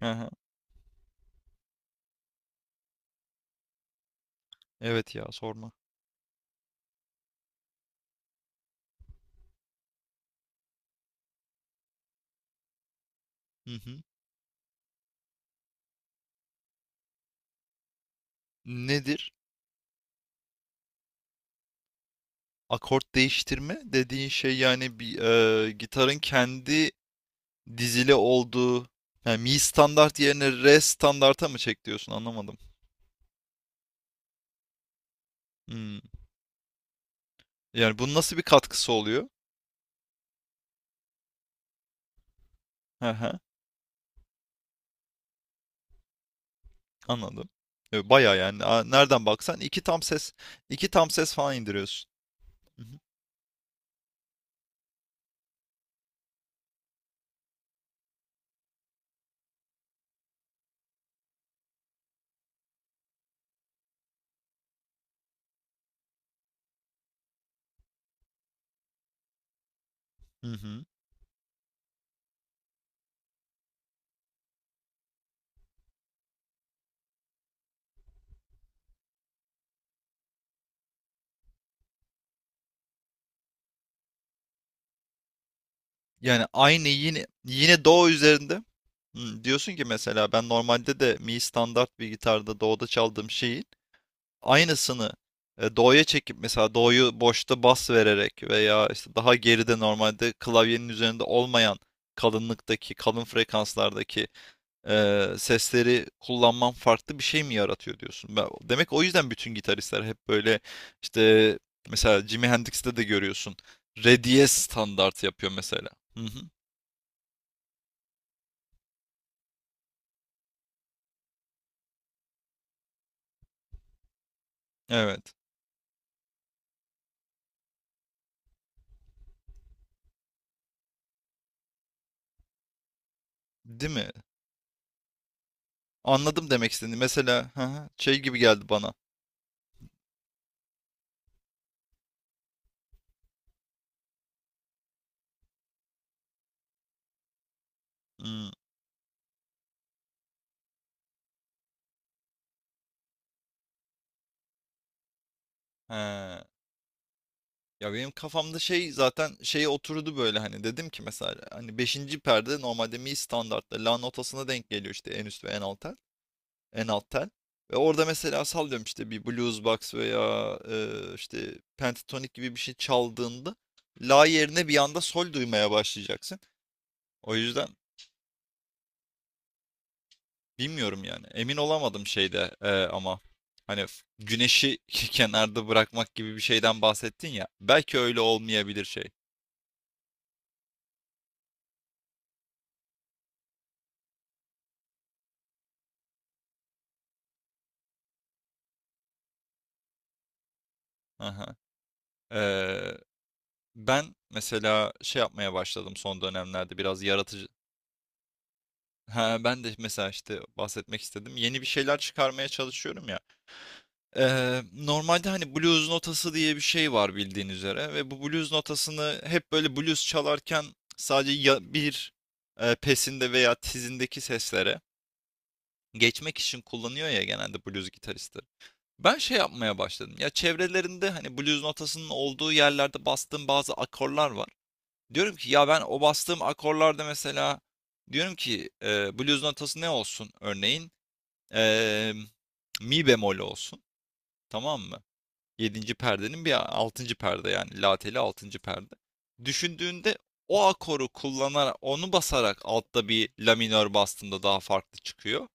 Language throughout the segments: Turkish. Aha, evet ya sorma. Hı hı. Nedir? Akort değiştirme dediğin şey yani bir gitarın kendi dizili olduğu yani mi standart yerine re standarta mı çek diyorsun anlamadım. Hmm. Yani bunun nasıl bir katkısı oluyor? Hı hı, anladım. Baya yani nereden baksan iki tam ses falan indiriyorsun. Hı hı. Hı hı. Yani aynı yine do üzerinde. Diyorsun ki mesela ben normalde de mi standart bir gitarda do'da çaldığım şeyi aynısını do'ya çekip mesela do'yu boşta bas vererek veya işte daha geride normalde klavyenin üzerinde olmayan kalınlıktaki, kalın frekanslardaki sesleri kullanman farklı bir şey mi yaratıyor diyorsun? Demek o yüzden bütün gitaristler hep böyle işte mesela Jimi Hendrix'te de görüyorsun. Re diyez standart yapıyor mesela. Hı hı. Evet. Değil mi? Anladım demek istediğini. Mesela hı hı, şey gibi geldi bana. Hmm, he. Ya benim kafamda şey zaten şey oturdu böyle hani dedim ki mesela hani beşinci perde normalde mi standartta la notasına denk geliyor işte en üst ve en alt tel. En alt tel. Ve orada mesela sallıyorum işte bir blues box veya işte pentatonik gibi bir şey çaldığında la yerine bir anda sol duymaya başlayacaksın. O yüzden bilmiyorum yani. Emin olamadım şeyde ama hani güneşi kenarda bırakmak gibi bir şeyden bahsettin ya. Belki öyle olmayabilir şey. Aha. Ben mesela şey yapmaya başladım son dönemlerde biraz yaratıcı. Ha, ben de mesela işte bahsetmek istedim. Yeni bir şeyler çıkarmaya çalışıyorum ya. Normalde hani blues notası diye bir şey var bildiğin üzere ve bu blues notasını hep böyle blues çalarken sadece ya bir pesinde veya tizindeki seslere geçmek için kullanıyor ya genelde blues gitaristleri. Ben şey yapmaya başladım. Ya çevrelerinde hani blues notasının olduğu yerlerde bastığım bazı akorlar var. Diyorum ki ya ben o bastığım akorlarda mesela diyorum ki blues notası ne olsun örneğin? E, mi bemol olsun. Tamam mı? Yedinci perdenin bir altıncı perde yani la teli altıncı perde. Düşündüğünde o akoru kullanarak onu basarak altta bir la minör bastığında daha farklı çıkıyor.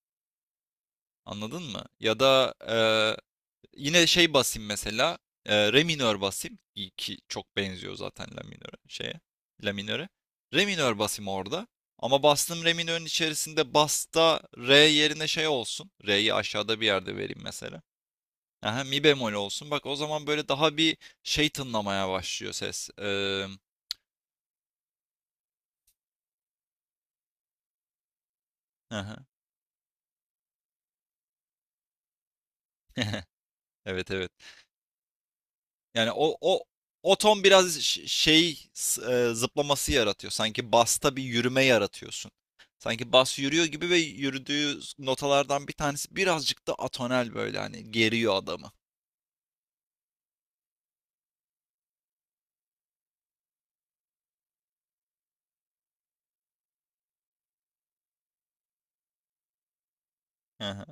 Anladın mı? Ya da yine şey basayım mesela. Re minör basayım. İyi ki çok benziyor zaten la minöre şeye. La minöre. Re minör basayım orada. Ama bastığım re minörün içerisinde basta re yerine şey olsun. Re'yi aşağıda bir yerde vereyim mesela. Aha, mi bemol olsun. Bak o zaman böyle daha bir şey tınlamaya başlıyor ses. Aha. Evet evet. Yani o ton biraz şey zıplaması yaratıyor. Sanki basta bir yürüme yaratıyorsun. Sanki bas yürüyor gibi ve yürüdüğü notalardan bir tanesi birazcık da atonel böyle hani geriyor adamı. Hı hı.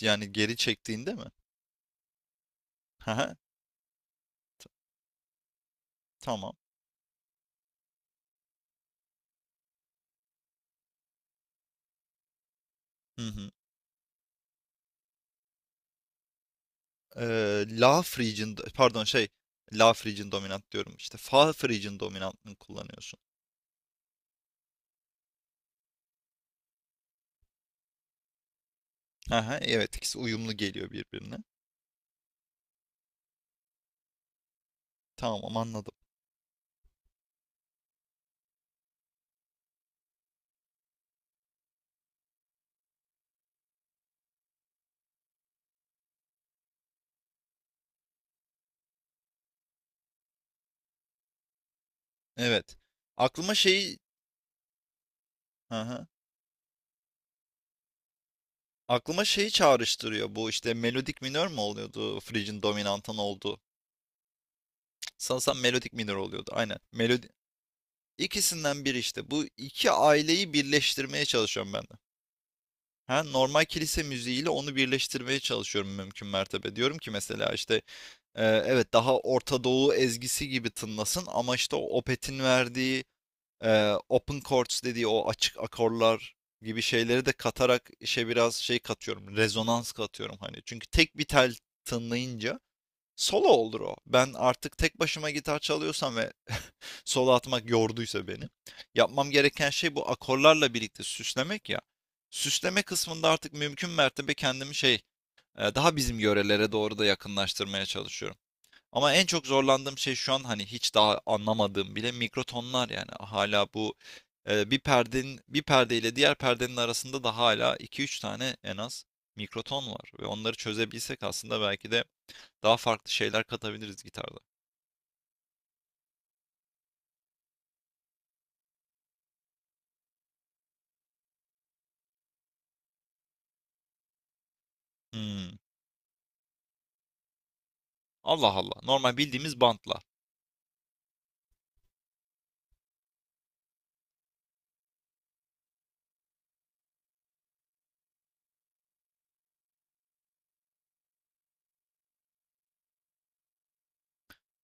Yani geri çektiğinde mi? Hı hı. Tamam. Hı hı. La Phrygian pardon şey La Phrygian dominant diyorum işte. Fa Phrygian dominantını kullanıyorsun. Hı hı. Evet ikisi uyumlu geliyor birbirine. Tamam anladım. Evet. Aklıma şeyi Hı hı. Aklıma şeyi çağrıştırıyor bu işte melodik minör mü oluyordu Frig'in dominantan oldu. Sanırsam melodik minör oluyordu aynen. Melodi ikisinden biri işte bu iki aileyi birleştirmeye çalışıyorum ben de. Ha, normal kilise müziğiyle onu birleştirmeye çalışıyorum mümkün mertebe. Diyorum ki mesela işte evet daha Orta Doğu ezgisi gibi tınlasın ama işte o Opeth'in verdiği open chords dediği o açık akorlar gibi şeyleri de katarak işe biraz şey katıyorum. Rezonans katıyorum hani. Çünkü tek bir tel tınlayınca solo olur o. Ben artık tek başıma gitar çalıyorsam ve solo atmak yorduysa beni. Yapmam gereken şey bu akorlarla birlikte süslemek ya. Süsleme kısmında artık mümkün mertebe kendimi şey daha bizim yörelere doğru da yakınlaştırmaya çalışıyorum. Ama en çok zorlandığım şey şu an hani hiç daha anlamadığım bile mikrotonlar yani hala bu bir perdenin bir perdeyle diğer perdenin arasında da hala iki üç tane en az mikroton var ve onları çözebilsek aslında belki de daha farklı şeyler katabiliriz gitarda. Hmm. Allah Allah. Normal bildiğimiz bantlar.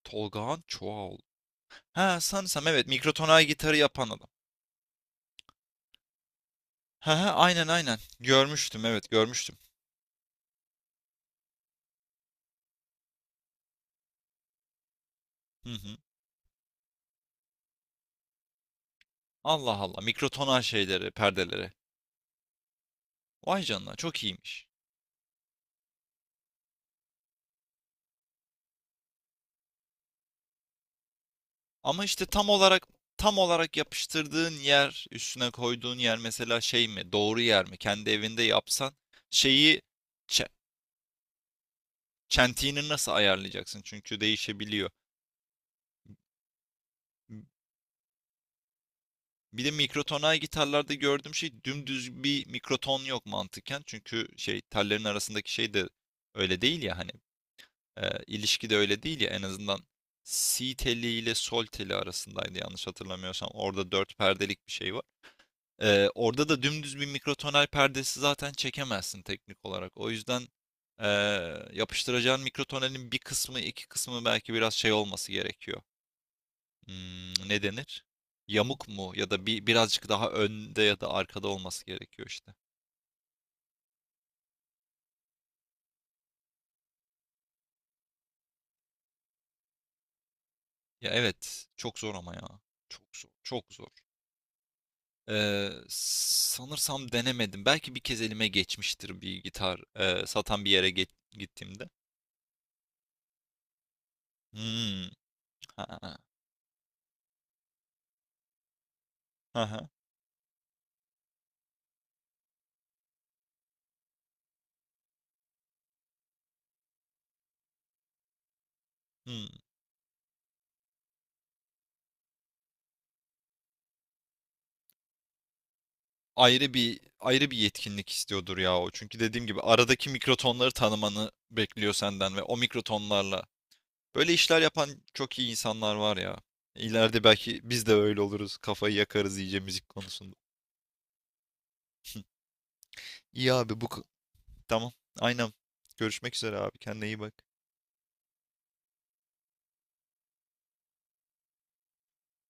Tolgahan Çoğaoğlu. Ha sanırsam evet mikrotonal gitarı yapan adam. Ha ha aynen aynen. Görmüştüm evet görmüştüm. Hı hı. Allah Allah mikrotonal şeyleri, perdeleri. Vay canına çok iyiymiş. Ama işte tam olarak yapıştırdığın yer, üstüne koyduğun yer mesela şey mi, doğru yer mi? Kendi evinde yapsan şeyi çe- çentiğini nasıl ayarlayacaksın? Çünkü değişebiliyor. Bir de mikrotonal gitarlarda gördüğüm şey dümdüz bir mikroton yok mantıken. Çünkü şey tellerin arasındaki şey de öyle değil ya hani ilişki de öyle değil ya en azından si teli ile sol teli arasındaydı yanlış hatırlamıyorsam. Orada dört perdelik bir şey var. Orada da dümdüz bir mikrotonal perdesi zaten çekemezsin teknik olarak. O yüzden ee, yapıştıracağın mikrotonalin bir kısmı, iki kısmı belki biraz şey olması gerekiyor. Ne denir? Yamuk mu? Ya da bir birazcık daha önde ya da arkada olması gerekiyor işte. Ya evet, çok zor ama ya. Çok zor, çok zor. Sanırsam denemedim. Belki bir kez elime geçmiştir bir gitar satan bir yere gittiğimde. Hmm. Ha, ha, ha. Hmm. Ayrı bir yetkinlik istiyordur ya o. Çünkü dediğim gibi aradaki mikrotonları tanımanı bekliyor senden ve o mikrotonlarla böyle işler yapan çok iyi insanlar var ya. İleride belki biz de öyle oluruz. Kafayı yakarız iyice müzik konusunda. İyi abi bu tamam. Aynen. Görüşmek üzere abi. Kendine iyi bak.